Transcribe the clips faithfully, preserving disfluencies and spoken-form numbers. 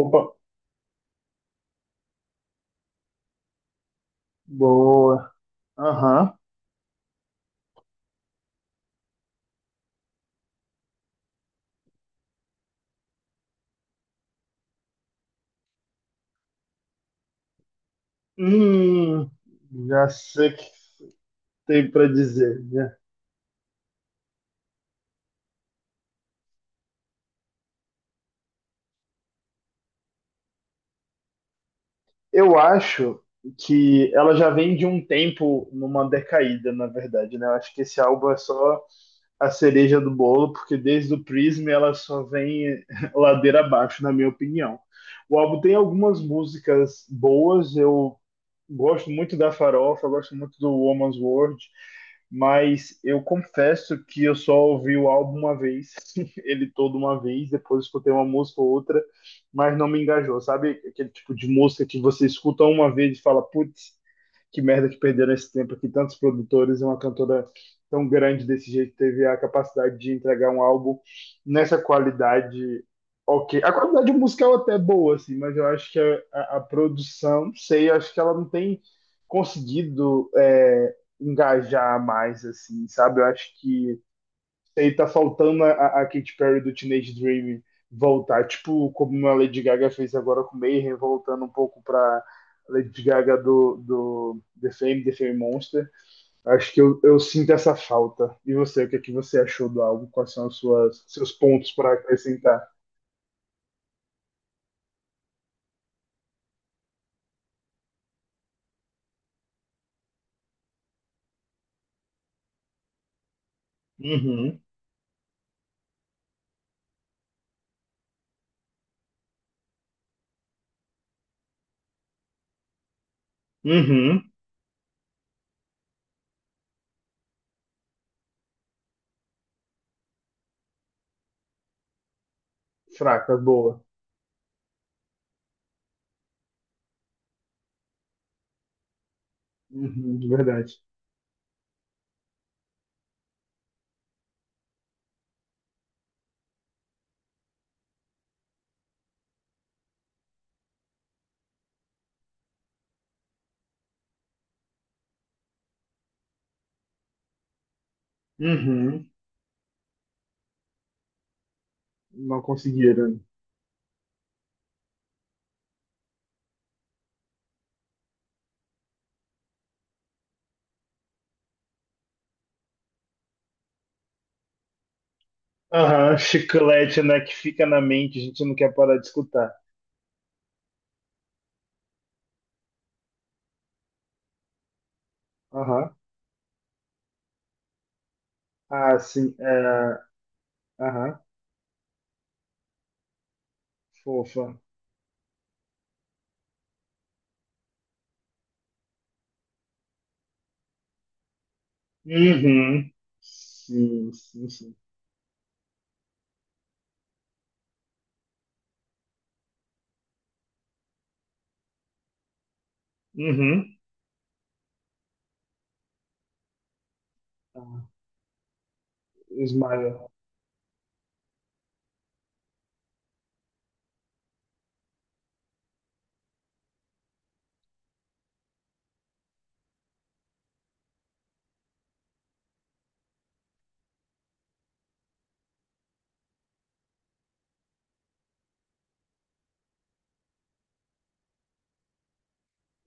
Opa, boa. Aham. Hum, já sei o que tem para dizer, né? Eu acho que ela já vem de um tempo numa decaída, na verdade, né? Eu acho que esse álbum é só a cereja do bolo, porque desde o Prism ela só vem ladeira abaixo, na minha opinião. O álbum tem algumas músicas boas, eu gosto muito da Farofa, gosto muito do Woman's World, mas eu confesso que eu só ouvi o álbum uma vez, ele todo uma vez, depois escutei uma música ou outra, mas não me engajou, sabe? Aquele tipo de música que você escuta uma vez e fala, putz, que merda que perderam esse tempo que tantos produtores e uma cantora tão grande desse jeito teve a capacidade de entregar um álbum nessa qualidade ok. A qualidade musical até é boa, assim, mas eu acho que a, a- a produção, não sei, eu acho que ela não tem conseguido é, engajar mais, assim, sabe? Eu acho que aí tá faltando a, a Katy Perry do Teenage Dream voltar, tipo como a Lady Gaga fez agora com Mayhem, voltando um pouco pra Lady Gaga do, do The Fame, The Fame Monster. Acho que eu, eu sinto essa falta. E você, o que, é que você achou do álbum? Quais são os seus pontos para acrescentar? Uhum, uhum. Fraca, boa. Uhum, verdade. Uhum, não conseguiram. Aham, chiclete, né, que fica na mente, a gente não quer parar de escutar. Aham, ah, sim. É... Aham, fofa. Uhum. Sim, sim, sim. Uhum. Ah, Ismael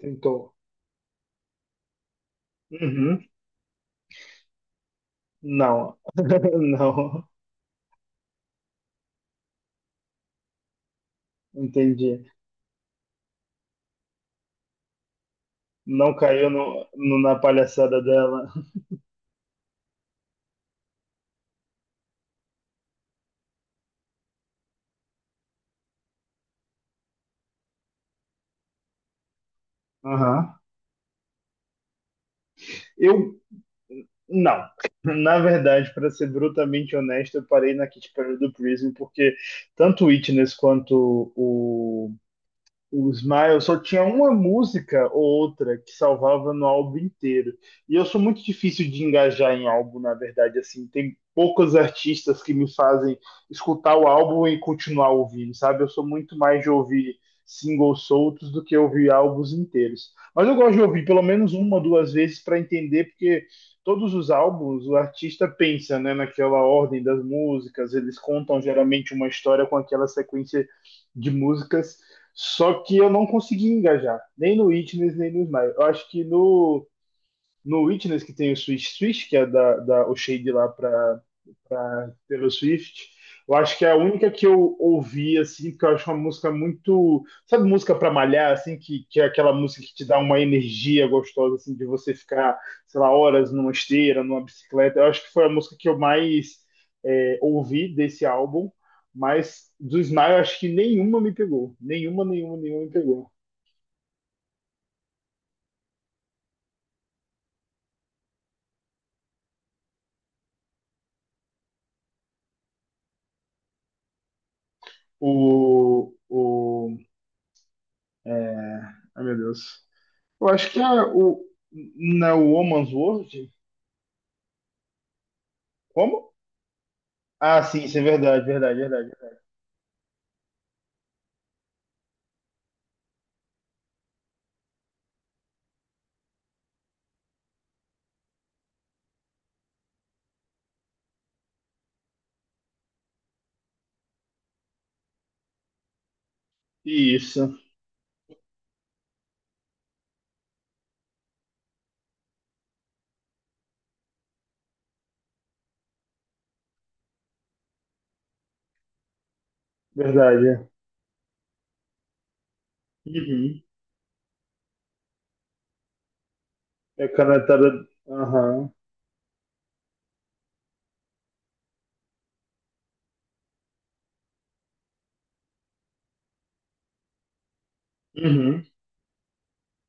tentou. Uhum. Não. Não. Entendi. Não caiu no, no- na palhaçada dela. Aham. Eu. Não. Na verdade, para ser brutalmente honesto, eu parei na Kit Perry do Prism, porque tanto o Witness quanto o O Smile só tinha uma música ou outra que salvava no álbum inteiro. E eu sou muito difícil de engajar em álbum, na verdade, assim, tem poucos artistas que me fazem escutar o álbum e continuar ouvindo, sabe? Eu sou muito mais de ouvir singles soltos do que ouvir álbuns inteiros. Mas eu gosto de ouvir pelo menos uma ou duas vezes para entender, porque todos os álbuns o artista pensa, né, naquela ordem das músicas, eles contam geralmente uma história com aquela sequência de músicas só que eu não consegui engajar, nem no Witness, nem no Smile. Eu acho que no, no Witness, que tem o Switch Switch, que é da, da, o shade lá pra pra Taylor Swift. Eu acho que é a única que eu ouvi, assim, porque eu acho uma música muito. Sabe, música pra malhar, assim, que, que é aquela música que te dá uma energia gostosa, assim, de você ficar, sei lá, horas numa esteira, numa bicicleta. Eu acho que foi a música que eu mais é, ouvi desse álbum, mas do Smile, eu acho que nenhuma me pegou. Nenhuma, nenhuma, nenhuma me pegou. O. o é... Ai, meu Deus. Eu acho que é o. Na Woman's World? Como? Ah, sim, isso é verdade, verdade, verdade. Isso, verdade. Uhum. É canetada. Aham. Uhum.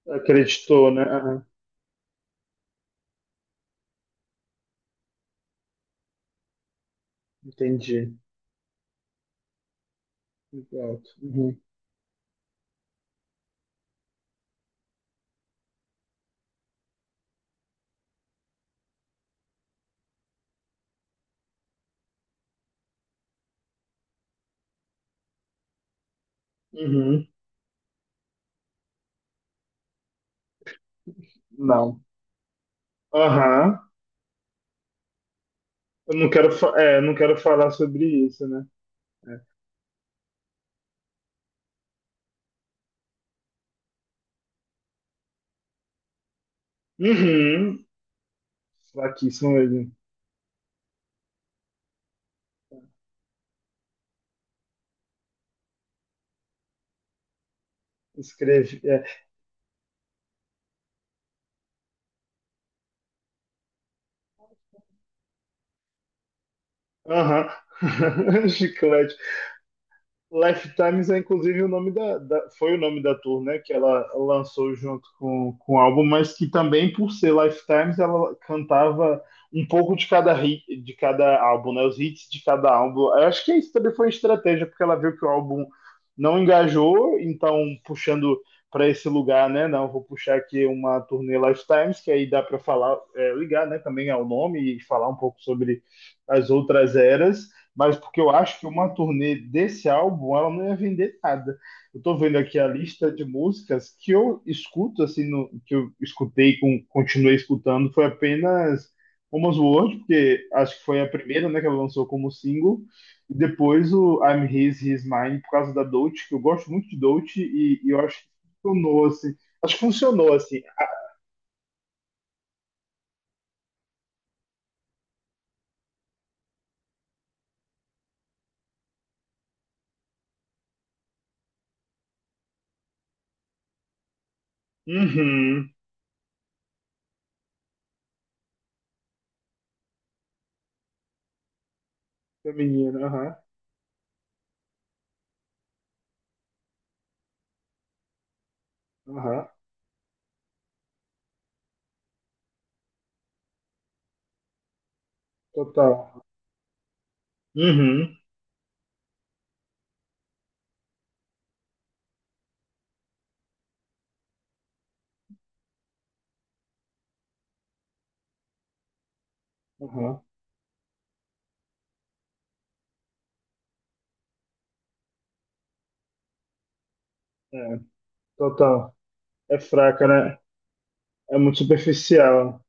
Acreditou, né? Aham. Entendi. Exato. Uhum. Uhum. Não. Aham. Eu não quero, fa- é, eu não quero falar sobre isso, né? É. Uhum. Fraquíssimo mesmo. Escreve. É. Aham. Chiclete. Life Times é inclusive o nome da, da- foi o nome da tour, né, que ela lançou junto com, com o álbum, mas que também por ser Lifetimes ela cantava um pouco de cada hit, de cada álbum, né, os hits de cada álbum. Eu acho que isso também foi uma estratégia porque ela viu que o álbum não engajou, então puxando para esse lugar, né, não vou puxar aqui uma turnê Lifetimes que aí dá para falar, é, ligar, né, também ao nome e falar um pouco sobre as outras eras mas porque eu acho que uma turnê desse álbum ela não ia vender nada. Eu tô vendo aqui a lista de músicas que eu escuto assim, no- que eu escutei com continuei escutando foi apenas Almost World, porque acho que foi a primeira, né, que ela lançou como single, e depois o I'm His, He's Mine por causa da Dolce, que eu gosto muito de Dolce e, e eu acho que funcionou assim. Acho que funcionou assim. Uhum. Feminina, aham. Aham. Total. Uhum. Aham. É, total. É fraca, né? É muito superficial.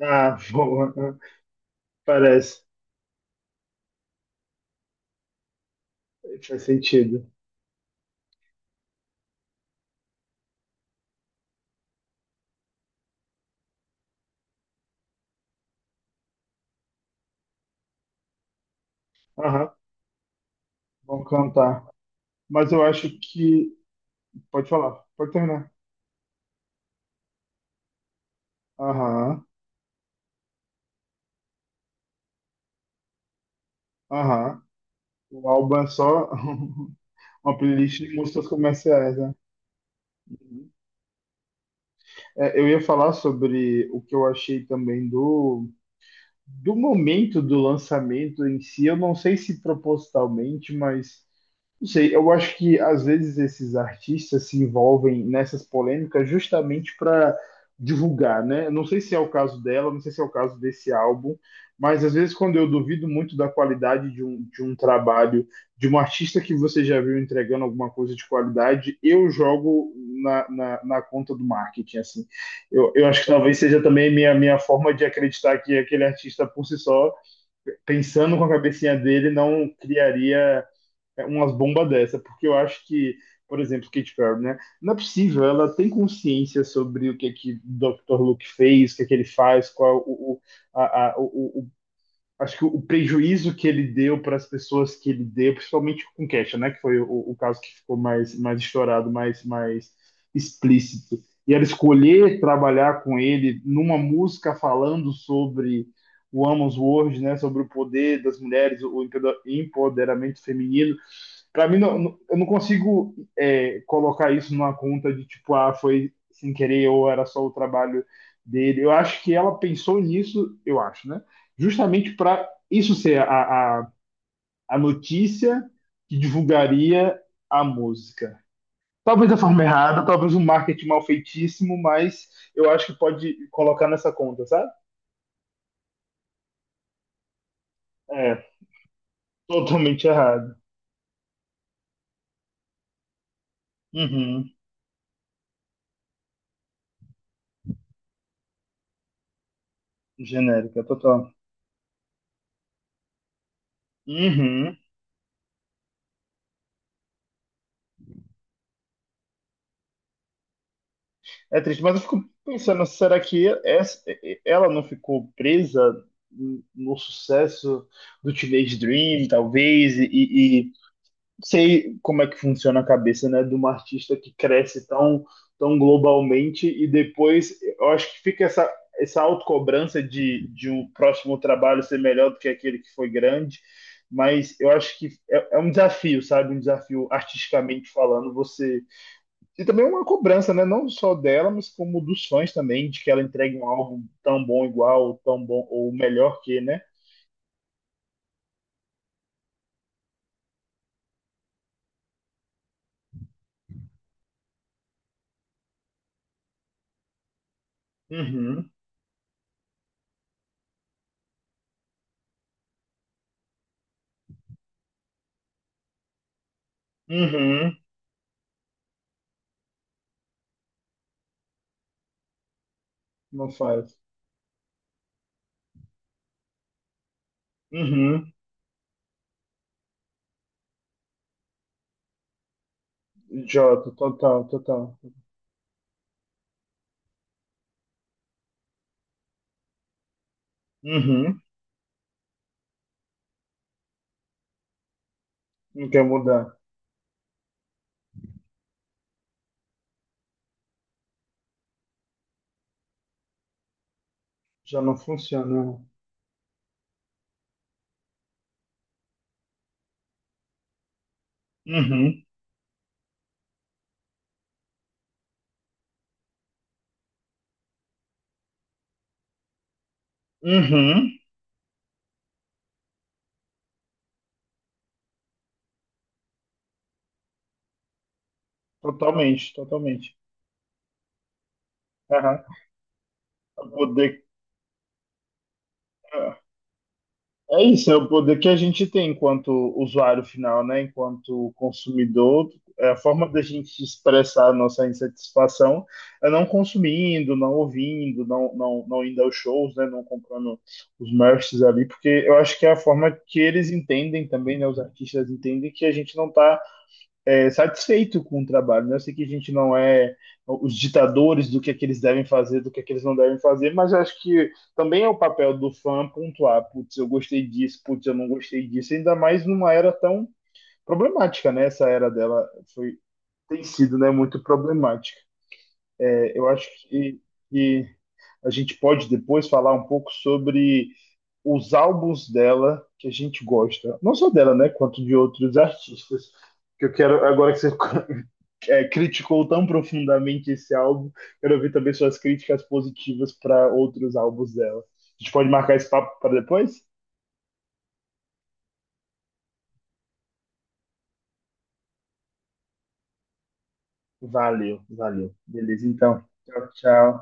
Ah, boa. Parece. Faz sentido. Aham, vamos cantar. Mas eu acho que. Pode falar, pode terminar. Aham, aham. O álbum é só uma playlist de músicas comerciais, né? É, eu ia falar sobre o que eu achei também do, do momento do lançamento em si. Eu não sei se propositalmente, mas não sei, eu acho que às vezes esses artistas se envolvem nessas polêmicas justamente para divulgar, né? Eu não sei se é o caso dela, não sei se é o caso desse álbum, mas às vezes quando eu duvido muito da qualidade de um, de um trabalho de um artista que você já viu entregando alguma coisa de qualidade, eu jogo na, na, na conta do marketing, assim. Eu, eu acho que talvez seja também minha minha forma de acreditar que aquele artista por si só, pensando com a cabecinha dele, não criaria é, umas bombas dessa, porque eu acho que, por exemplo, Kate Perry, né? Não é possível, ela tem consciência sobre o que é que doutor Luke fez, o que é que ele faz, qual o, o, a, a, o, o acho que o prejuízo que ele deu para as pessoas que ele deu, principalmente com Kesha, né, que foi o, o, caso que ficou mais mais estourado, mais mais explícito. E ela escolher trabalhar com ele numa música falando sobre o Amos World, né, sobre o poder das mulheres, o empoderamento feminino, pra mim, não, não- eu não consigo é, colocar isso numa conta de tipo, ah, foi sem querer ou era só o trabalho dele. Eu acho que ela pensou nisso, eu acho, né? Justamente para isso ser a, a, a notícia que divulgaria a música. Talvez da forma errada, talvez um marketing mal feitíssimo, mas eu acho que pode colocar nessa conta, sabe? É, totalmente errado. Uhum. Genérica, total. Uhum. É triste, mas eu fico pensando, será que essa- ela não ficou presa no sucesso do Teenage Dream, talvez, e, e e sei como é que funciona a cabeça, né, de uma artista que cresce tão, tão globalmente e depois eu acho que fica essa, essa autocobrança de, de um próximo trabalho ser melhor do que aquele que foi grande, mas eu acho que é, é um desafio, sabe? Um desafio artisticamente falando, você e também uma cobrança, né? Não só dela, mas como dos fãs também, de que ela entregue um álbum tão bom igual, tão bom, ou melhor que, né? Uhum, uhum, não faz. Uhum, Jota, total, total. Uhum, não quer mudar. Já não funciona. Uhum, uhum, totalmente, totalmente. Aham. Pra poder É isso, é o poder que a gente tem enquanto usuário final, né? Enquanto consumidor, é a forma da gente expressar a nossa insatisfação é não consumindo, não ouvindo, não, não, não indo aos shows, né? Não comprando os merchs ali, porque eu acho que é a forma que eles entendem também, né? Os artistas entendem que a gente não está é, satisfeito com o trabalho, né? Eu sei que a gente não é os ditadores do que é que eles devem fazer, do que é que eles não devem fazer, mas eu acho que também é o papel do fã pontuar, putz, eu gostei disso, putz, eu não gostei disso, ainda mais numa era tão problemática, né? Essa era dela foi tem sido, né, muito problemática. É, eu acho que, que a gente pode depois falar um pouco sobre os álbuns dela que a gente gosta, não só dela, né, quanto de outros artistas que eu quero, agora que você é, criticou tão profundamente esse álbum, quero ouvir também suas críticas positivas para outros álbuns dela. A gente pode marcar esse papo para depois? Valeu, valeu. Beleza, então. Tchau, tchau.